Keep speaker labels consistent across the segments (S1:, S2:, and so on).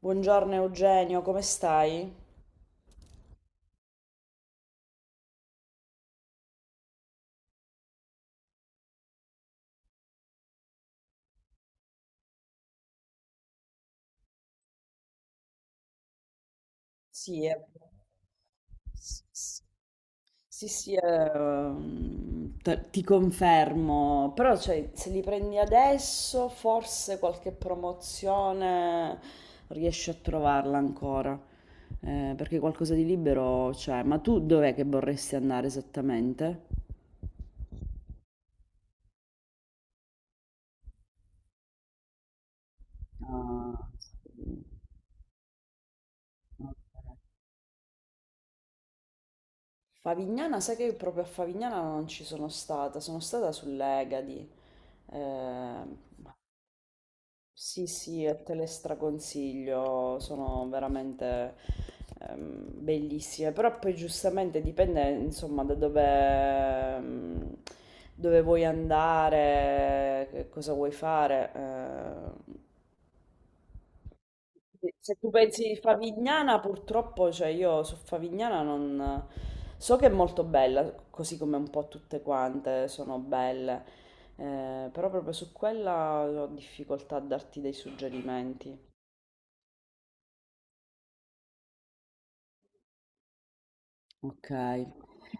S1: Buongiorno Eugenio, come stai? Sì, è... Sì, sì. Sì, sì, te- ti confermo, però cioè, se li prendi adesso forse qualche promozione riesci a trovarla ancora, perché qualcosa di libero c'è. Ma tu dov'è che vorresti andare esattamente? Ah, sì. Favignana, sai che proprio a Favignana non ci sono stata sull'Egadi. Eh, sì, sì, e te le straconsiglio, sono veramente bellissime, però poi giustamente dipende insomma da dove, ehm, dove vuoi andare, che cosa vuoi fare. Eh. Se tu pensi Favignana, purtroppo, cioè io su Favignana non... So che è molto bella, così come un po' tutte quante sono belle, però proprio su quella ho difficoltà a darti dei suggerimenti. Ok,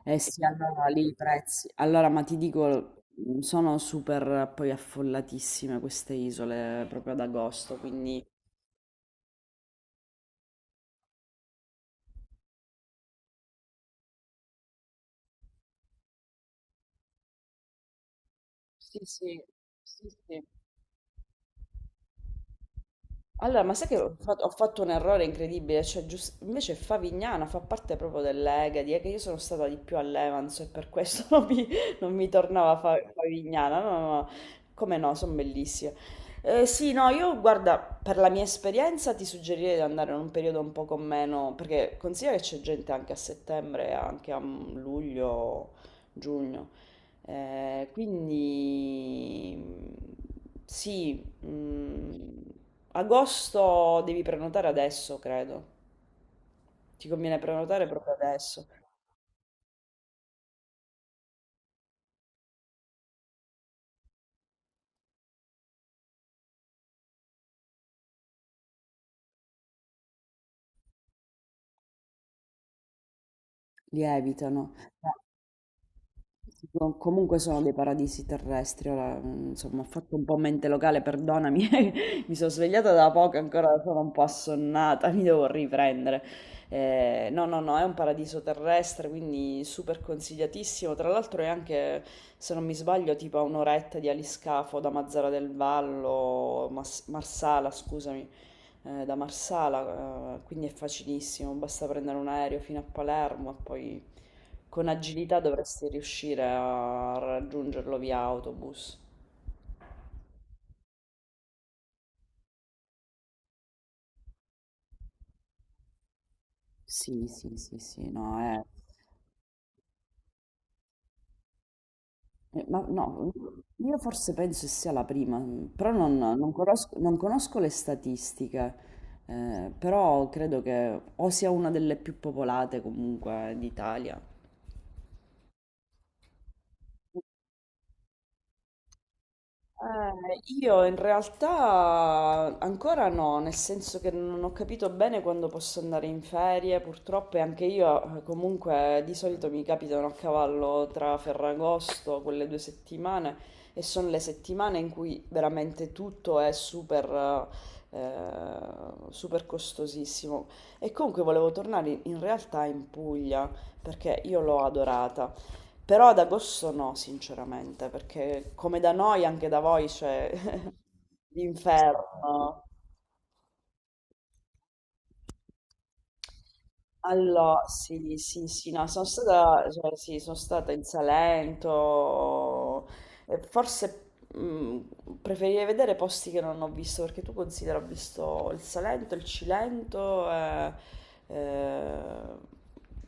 S1: eh sì, allora lì i prezzi. Allora, ma ti dico, sono super poi affollatissime queste isole proprio ad agosto, quindi sì, sì, sì, sì. Allora, ma sai che ho fatto un errore incredibile, cioè gius- invece Favignana fa parte proprio dell'Egadi, è che io sono stata di più all'Evans e per questo non mi, non mi tornava Fa- Favignana, no, no, no. Come no, sono bellissime. Sì, no, io guarda, per la mia esperienza ti suggerirei di andare in un periodo un po' con meno, perché considera che c'è gente anche a settembre, anche a luglio, giugno. Quindi sì, mm, agosto devi prenotare adesso, credo. Ti conviene prenotare proprio adesso. Lievitano. Tipo, comunque sono dei paradisi terrestri, ora mm, insomma ho fatto un po' mente locale, perdonami, mi sono svegliata da poco, ancora sono un po' assonnata, mi devo riprendere. No, no, no, è un paradiso terrestre, quindi super consigliatissimo. Tra l'altro è anche, se non mi sbaglio, tipo a un'oretta di aliscafo da Mazzara del Vallo, Mas- Marsala, scusami, da Marsala, quindi è facilissimo, basta prendere un aereo fino a Palermo e poi... Con agilità dovresti riuscire a raggiungerlo via autobus. Sì, sì, sì, sì, no, è... Eh, ma no, io forse penso sia la prima, però non, non conosco, non conosco le statistiche, però credo che o sia una delle più popolate comunque d'Italia. Io in realtà ancora no, nel senso che non ho capito bene quando posso andare in ferie, purtroppo e anche io comunque di solito mi capitano a cavallo tra Ferragosto, quelle due settimane, e sono le settimane in cui veramente tutto è super, super costosissimo. E comunque volevo tornare in realtà in Puglia, perché io l'ho adorata. Però ad agosto no, sinceramente, perché come da noi anche da voi c'è l'inferno. Allo sì, sì, sì, no, sono stata, cioè, sì, sono stata in Salento, e forse preferirei vedere posti che non ho visto, perché tu considera, ho visto il Salento, il Cilento, e, eh,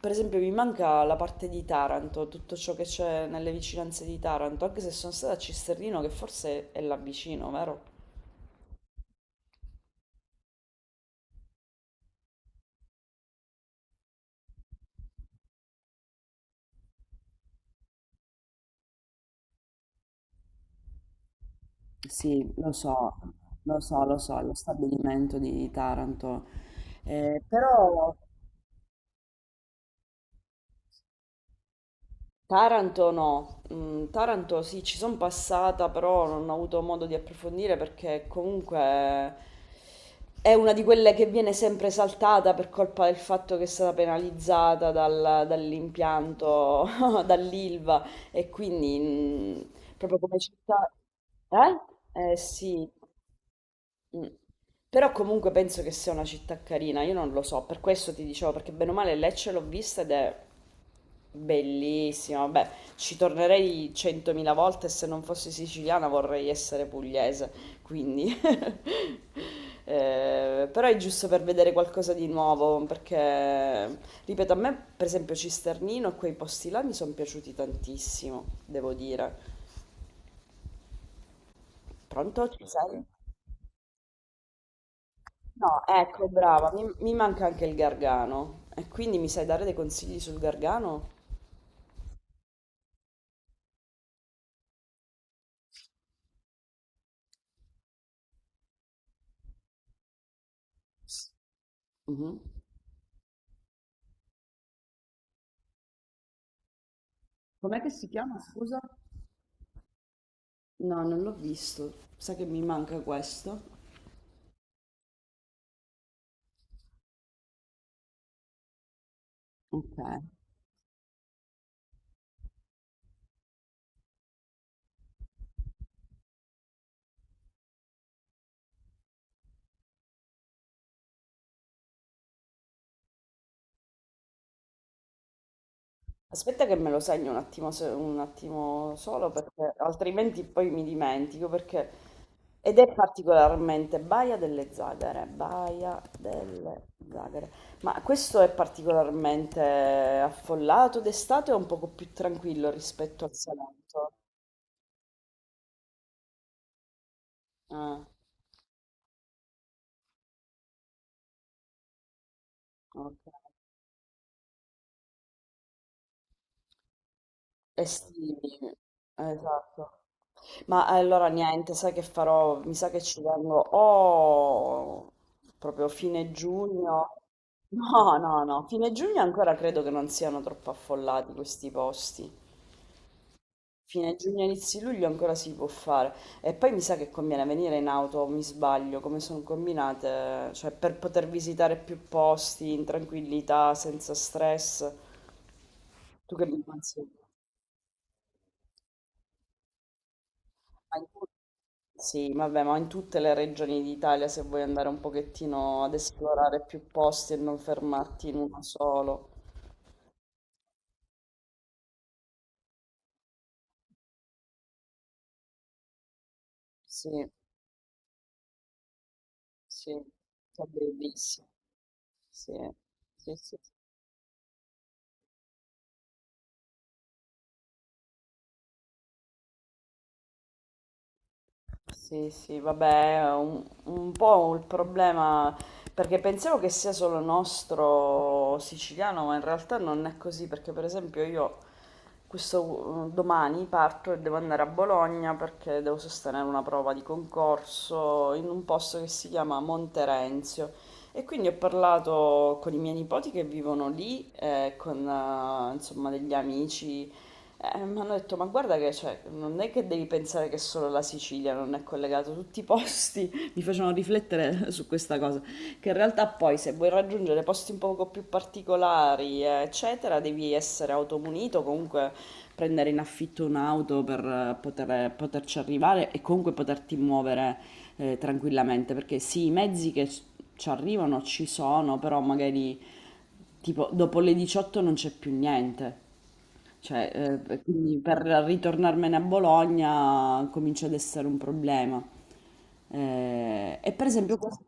S1: per esempio mi manca la parte di Taranto, tutto ciò che c'è nelle vicinanze di Taranto, anche se sono stata a Cisternino, che forse è là vicino, vero? Sì, lo so, lo stabilimento di Taranto. Però Taranto no, mm, Taranto sì, ci sono passata, però non ho avuto modo di approfondire perché comunque è una di quelle che viene sempre saltata per colpa del fatto che è stata penalizzata dal- dall'impianto, dall'Ilva e quindi mm, proprio come città... Eh? Eh sì. Mm. Però comunque penso che sia una città carina, io non lo so, per questo ti dicevo, perché bene o male Lecce l'ho vista ed è bellissima, vabbè, ci tornerei centomila volte e se non fossi siciliana vorrei essere pugliese, quindi... però è giusto per vedere qualcosa di nuovo, perché, ripeto, a me per esempio Cisternino e quei posti là mi sono piaciuti tantissimo, devo dire. Pronto? Ci sei? No, ecco, brava, mi manca anche il gargano. E quindi mi sai dare dei consigli sul gargano? Mhm. Com'è che si chiama, scusa? No, non l'ho visto. Sa che mi manca questo? Ok. Aspetta che me lo segno un attimo, se- un attimo solo perché altrimenti poi mi dimentico perché ed è particolarmente Baia delle Zagare, Baia delle Zagare. Ma questo è particolarmente affollato d'estate o un poco più tranquillo rispetto al Salento? Ah, ok. Estivi, esatto. Ma allora niente, sai che farò? Mi sa che ci vengo o proprio fine giugno. No, no, no, fine giugno ancora credo che non siano troppo affollati questi posti. Fine giugno, inizio luglio ancora si può fare. E poi mi sa che conviene venire in auto, mi sbaglio, come sono combinate, cioè per poter visitare più posti in tranquillità, senza stress. Tu che mi consigli? Ma in tut- sì, vabbè, ma in tutte le regioni d'Italia se vuoi andare un pochettino ad esplorare più posti e non fermarti in uno solo. Sì, sì, è bellissimo. Sì, sì, sì. Sì. Sì, sì, vabbè, è un po' il problema, perché pensavo che sia solo nostro siciliano, ma in realtà non è così, perché per esempio io questo domani parto e devo andare a Bologna perché devo sostenere una prova di concorso in un posto che si chiama Monterenzio e quindi ho parlato con i miei nipoti che vivono lì, con insomma degli amici mi hanno detto, ma guarda che cioè, non è che devi pensare che solo la Sicilia non è collegata, tutti i posti mi facevano riflettere su questa cosa, che in realtà poi se vuoi raggiungere posti un poco più particolari, eccetera, devi essere automunito, comunque prendere in affitto un'auto per poter- poterci arrivare e comunque poterti muovere tranquillamente, perché sì, i mezzi che ci arrivano ci sono, però magari tipo dopo le 18 non c'è più niente. Cioè, quindi per ritornarmene a Bologna comincia ad essere un problema. E per esempio questo...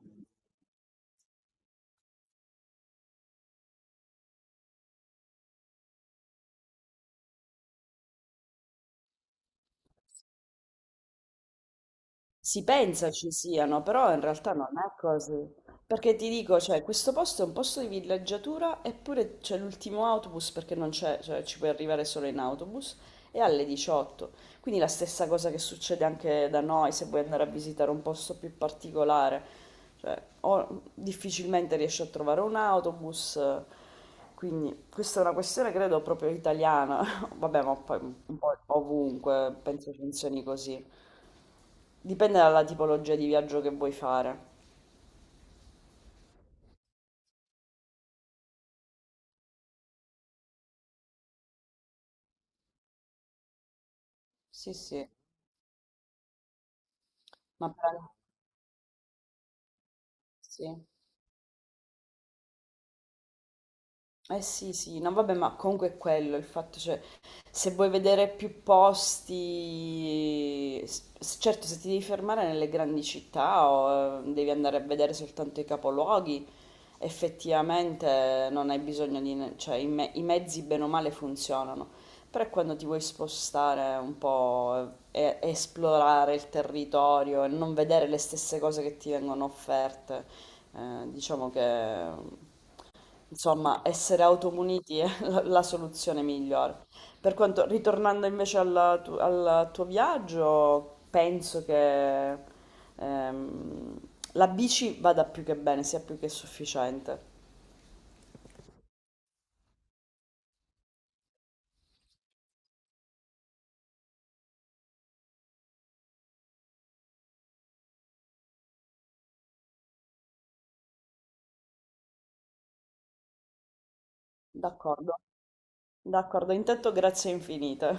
S1: Si pensa ci siano, però in realtà non è così. Perché ti dico, cioè, questo posto è un posto di villeggiatura, eppure c'è l'ultimo autobus perché non c'è, cioè, ci puoi arrivare solo in autobus, e alle 18. Quindi la stessa cosa che succede anche da noi se vuoi andare a visitare un posto più particolare. Cioè, o difficilmente riesci a trovare un autobus, quindi questa è una questione credo proprio italiana. Vabbè, ma poi un po' ovunque penso funzioni così. Dipende dalla tipologia di viaggio che vuoi fare. Sì, sì, ma per... Sì. Eh sì, sì, no vabbè, ma comunque è quello il fatto, cioè, se vuoi vedere più posti, s- certo se ti devi fermare nelle grandi città o devi andare a vedere soltanto i capoluoghi, effettivamente non hai bisogno di, ne- cioè i, me- i mezzi bene o male funzionano, però quando ti vuoi spostare un po' e esplorare il territorio e non vedere le stesse cose che ti vengono offerte, diciamo che... Insomma, essere automuniti è la, la soluzione migliore. Per quanto, ritornando invece alla tu- al tuo viaggio, penso che ehm, la bici vada più che bene, sia più che sufficiente. D'accordo, d'accordo. Intanto grazie infinite.